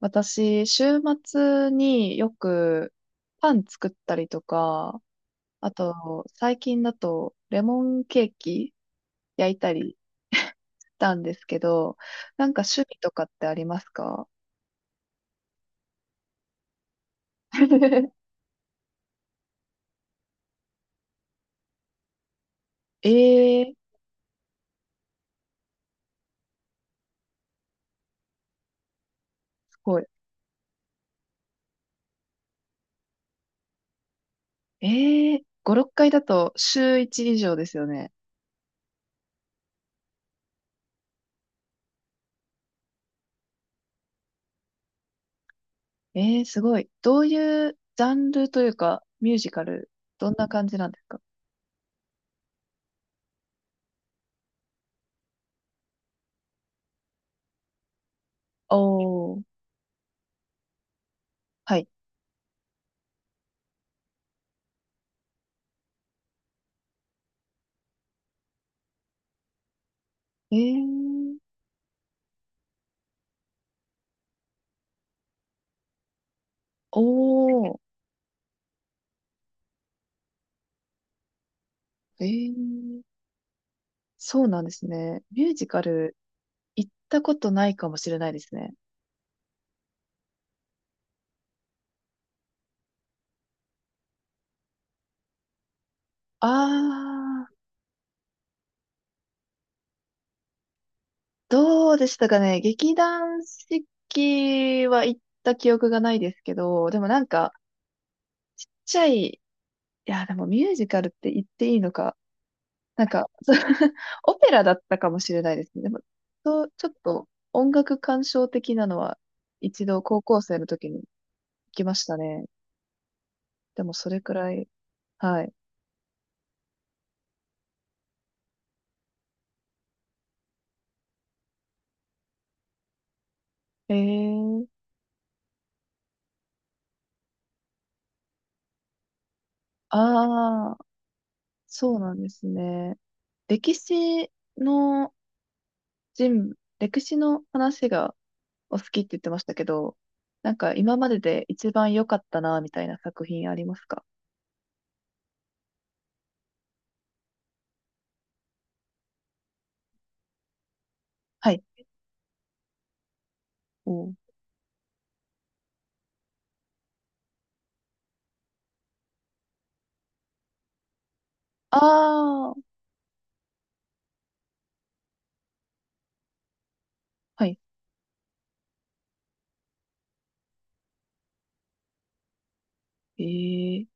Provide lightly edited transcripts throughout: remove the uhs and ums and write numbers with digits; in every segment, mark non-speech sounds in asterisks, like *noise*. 私、週末によくパン作ったりとか、あと、最近だとレモンケーキ焼いたり *laughs* したんですけど、なんか趣味とかってありますか？ *laughs* ええーすごい。ええー、5、6回だと週1以上ですよね。ええーすごい。どういうジャンルというか、ミュージカル、どんな感じなんですか？おー、はい。ええーおー、ええーそうなんですね。ミュージカル行ったことないかもしれないですね。あー、どうでしたかね。劇団四季は行った記憶がないですけど、でもなんか、ちっちゃいや、でもミュージカルって言っていいのか。なんか、そう *laughs* オペラだったかもしれないですね。でも、そうちょっと音楽鑑賞的なのは一度高校生の時に行きましたね。でもそれくらい、はい。えー、あー。そうなんですね。歴史の歴史の話がお好きって言ってましたけど、なんか今までで一番良かったな、みたいな作品ありますか？はい。おーあー、はい。えー、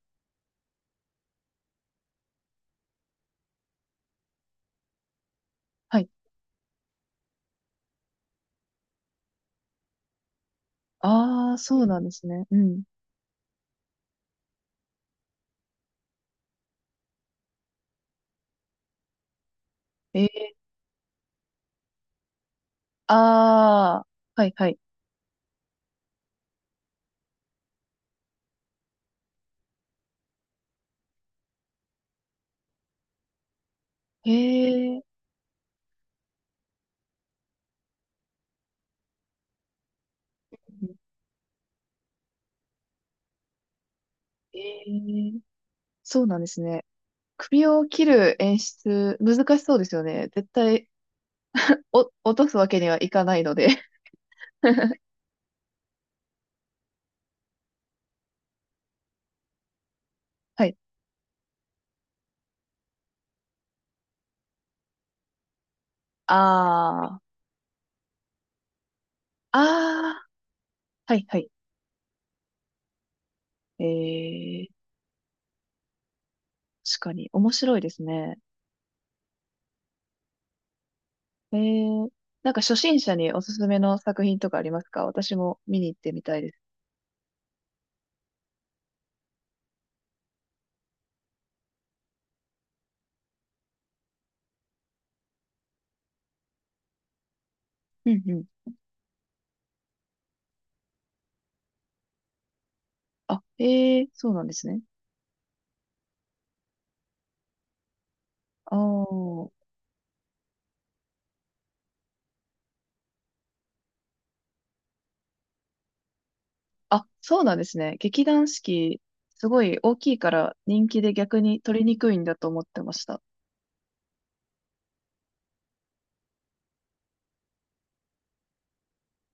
はい。あー、そうなんですね。うん。えー、あー、はい、はい。へえー、えー、そうなんですね。首を切る演出、難しそうですよね。絶対、落とすわけにはいかないので。*laughs* はい。ああ、ああ、はいはい。ええ、確かに。面白いですね。えーなんか初心者におすすめの作品とかありますか？私も見に行ってみたいです。うんうん。あ、えーそうなんですね。ああ、あ、そうなんですね。劇団四季、すごい大きいから人気で逆に取りにくいんだと思ってました。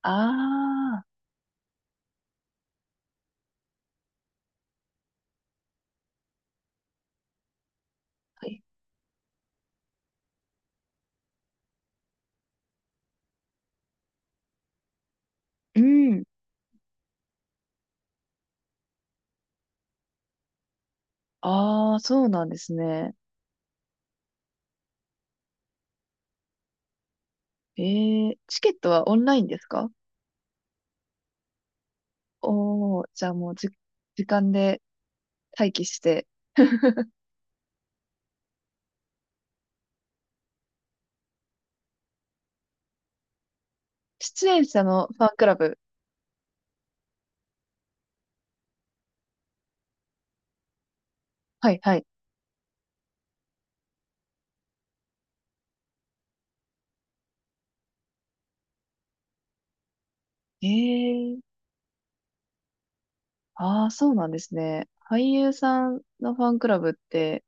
ああ、はい。うん。ああ、そうなんですね。ええ、チケットはオンラインですか？おー、じゃあもうじ、時間で待機して。*laughs* 出演者のファンクラブ。はいはい。ええああ、そうなんですね。俳優さんのファンクラブって、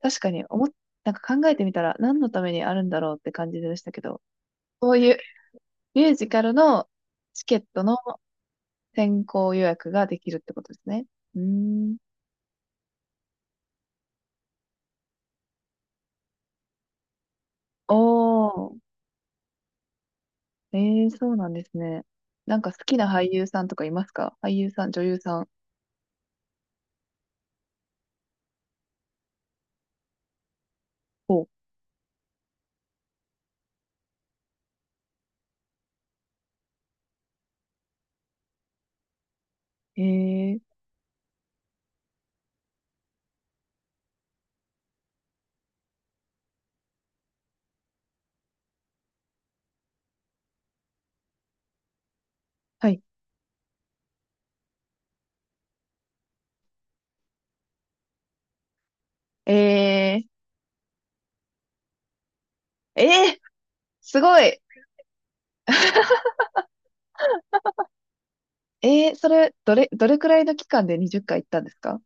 確かに思っ、なんか考えてみたら何のためにあるんだろうって感じでしたけど、そういうミュージカルのチケットの先行予約ができるってことですね。うーん。おー、ええそうなんですね。なんか好きな俳優さんとかいますか？俳優さん、女優さん。お、ええはい。えー、えー、すごい。えー、それ、どれくらいの期間で20回行ったんですか？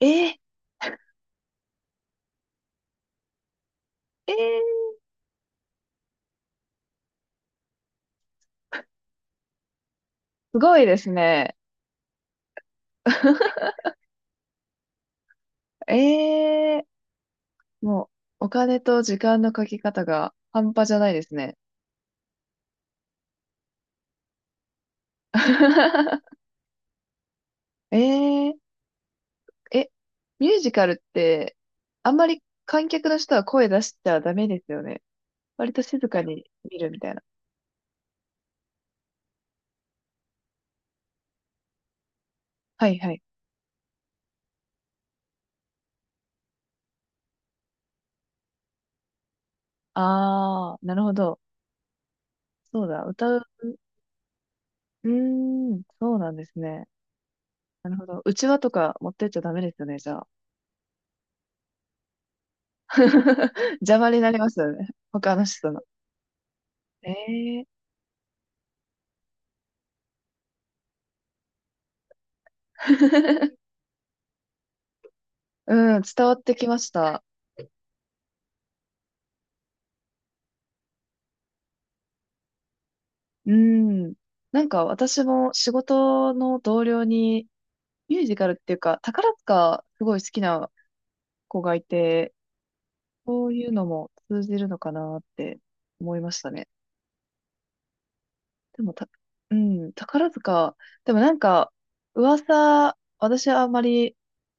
えー、えー、すごいですね。*laughs* ええもう、お金と時間のかけ方が半端じゃないですね。*laughs* えええ、ミュージカルって、あんまり観客の人は声出しちゃダメですよね。割と静かに見るみたいな。はいはい。あー、なるほど。そうだ、歌う。うーん、そうなんですね。なるほど。うちわとか持ってっちゃダメですよね、じゃあ。*laughs* 邪魔になりますよね。他の人の。ええ *laughs* うん、伝わってきました。うん。なんか私も仕事の同僚にミュージカルっていうか、宝塚すごい好きな子がいて、そういうのも通じるのかなって思いましたね。でもた、うん、宝塚、でもなんか、噂、私はあんまり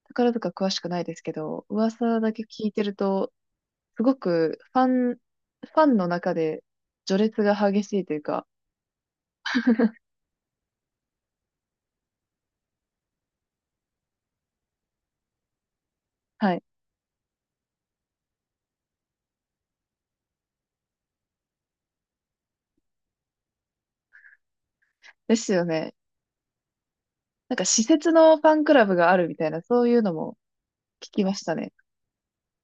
宝塚詳しくないですけど、噂だけ聞いてると、すごくファンの中で序列が激しいというか、はい。ですよね。なんか、施設のファンクラブがあるみたいな、そういうのも聞きましたね。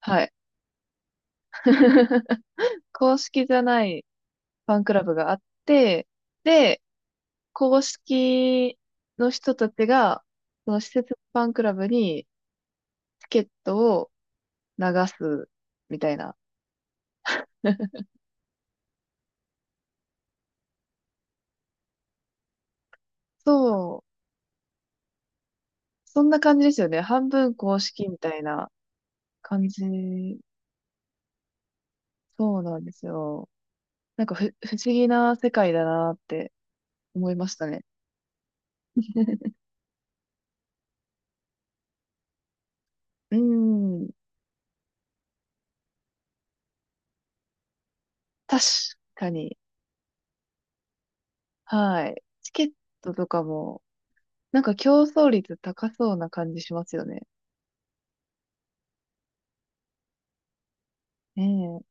はい。*laughs* 公式じゃないファンクラブがあって、で、公式の人たちが、その施設ファンクラブにチケットを流すみたいな。*laughs* そう。そんな感じですよね。半分公式みたいな感じ。そうなんですよ。なんか不思議な世界だなって思いましたね。うーん。確かに。はい。チケットとかも、なんか競争率高そうな感じしますよね。ねえ。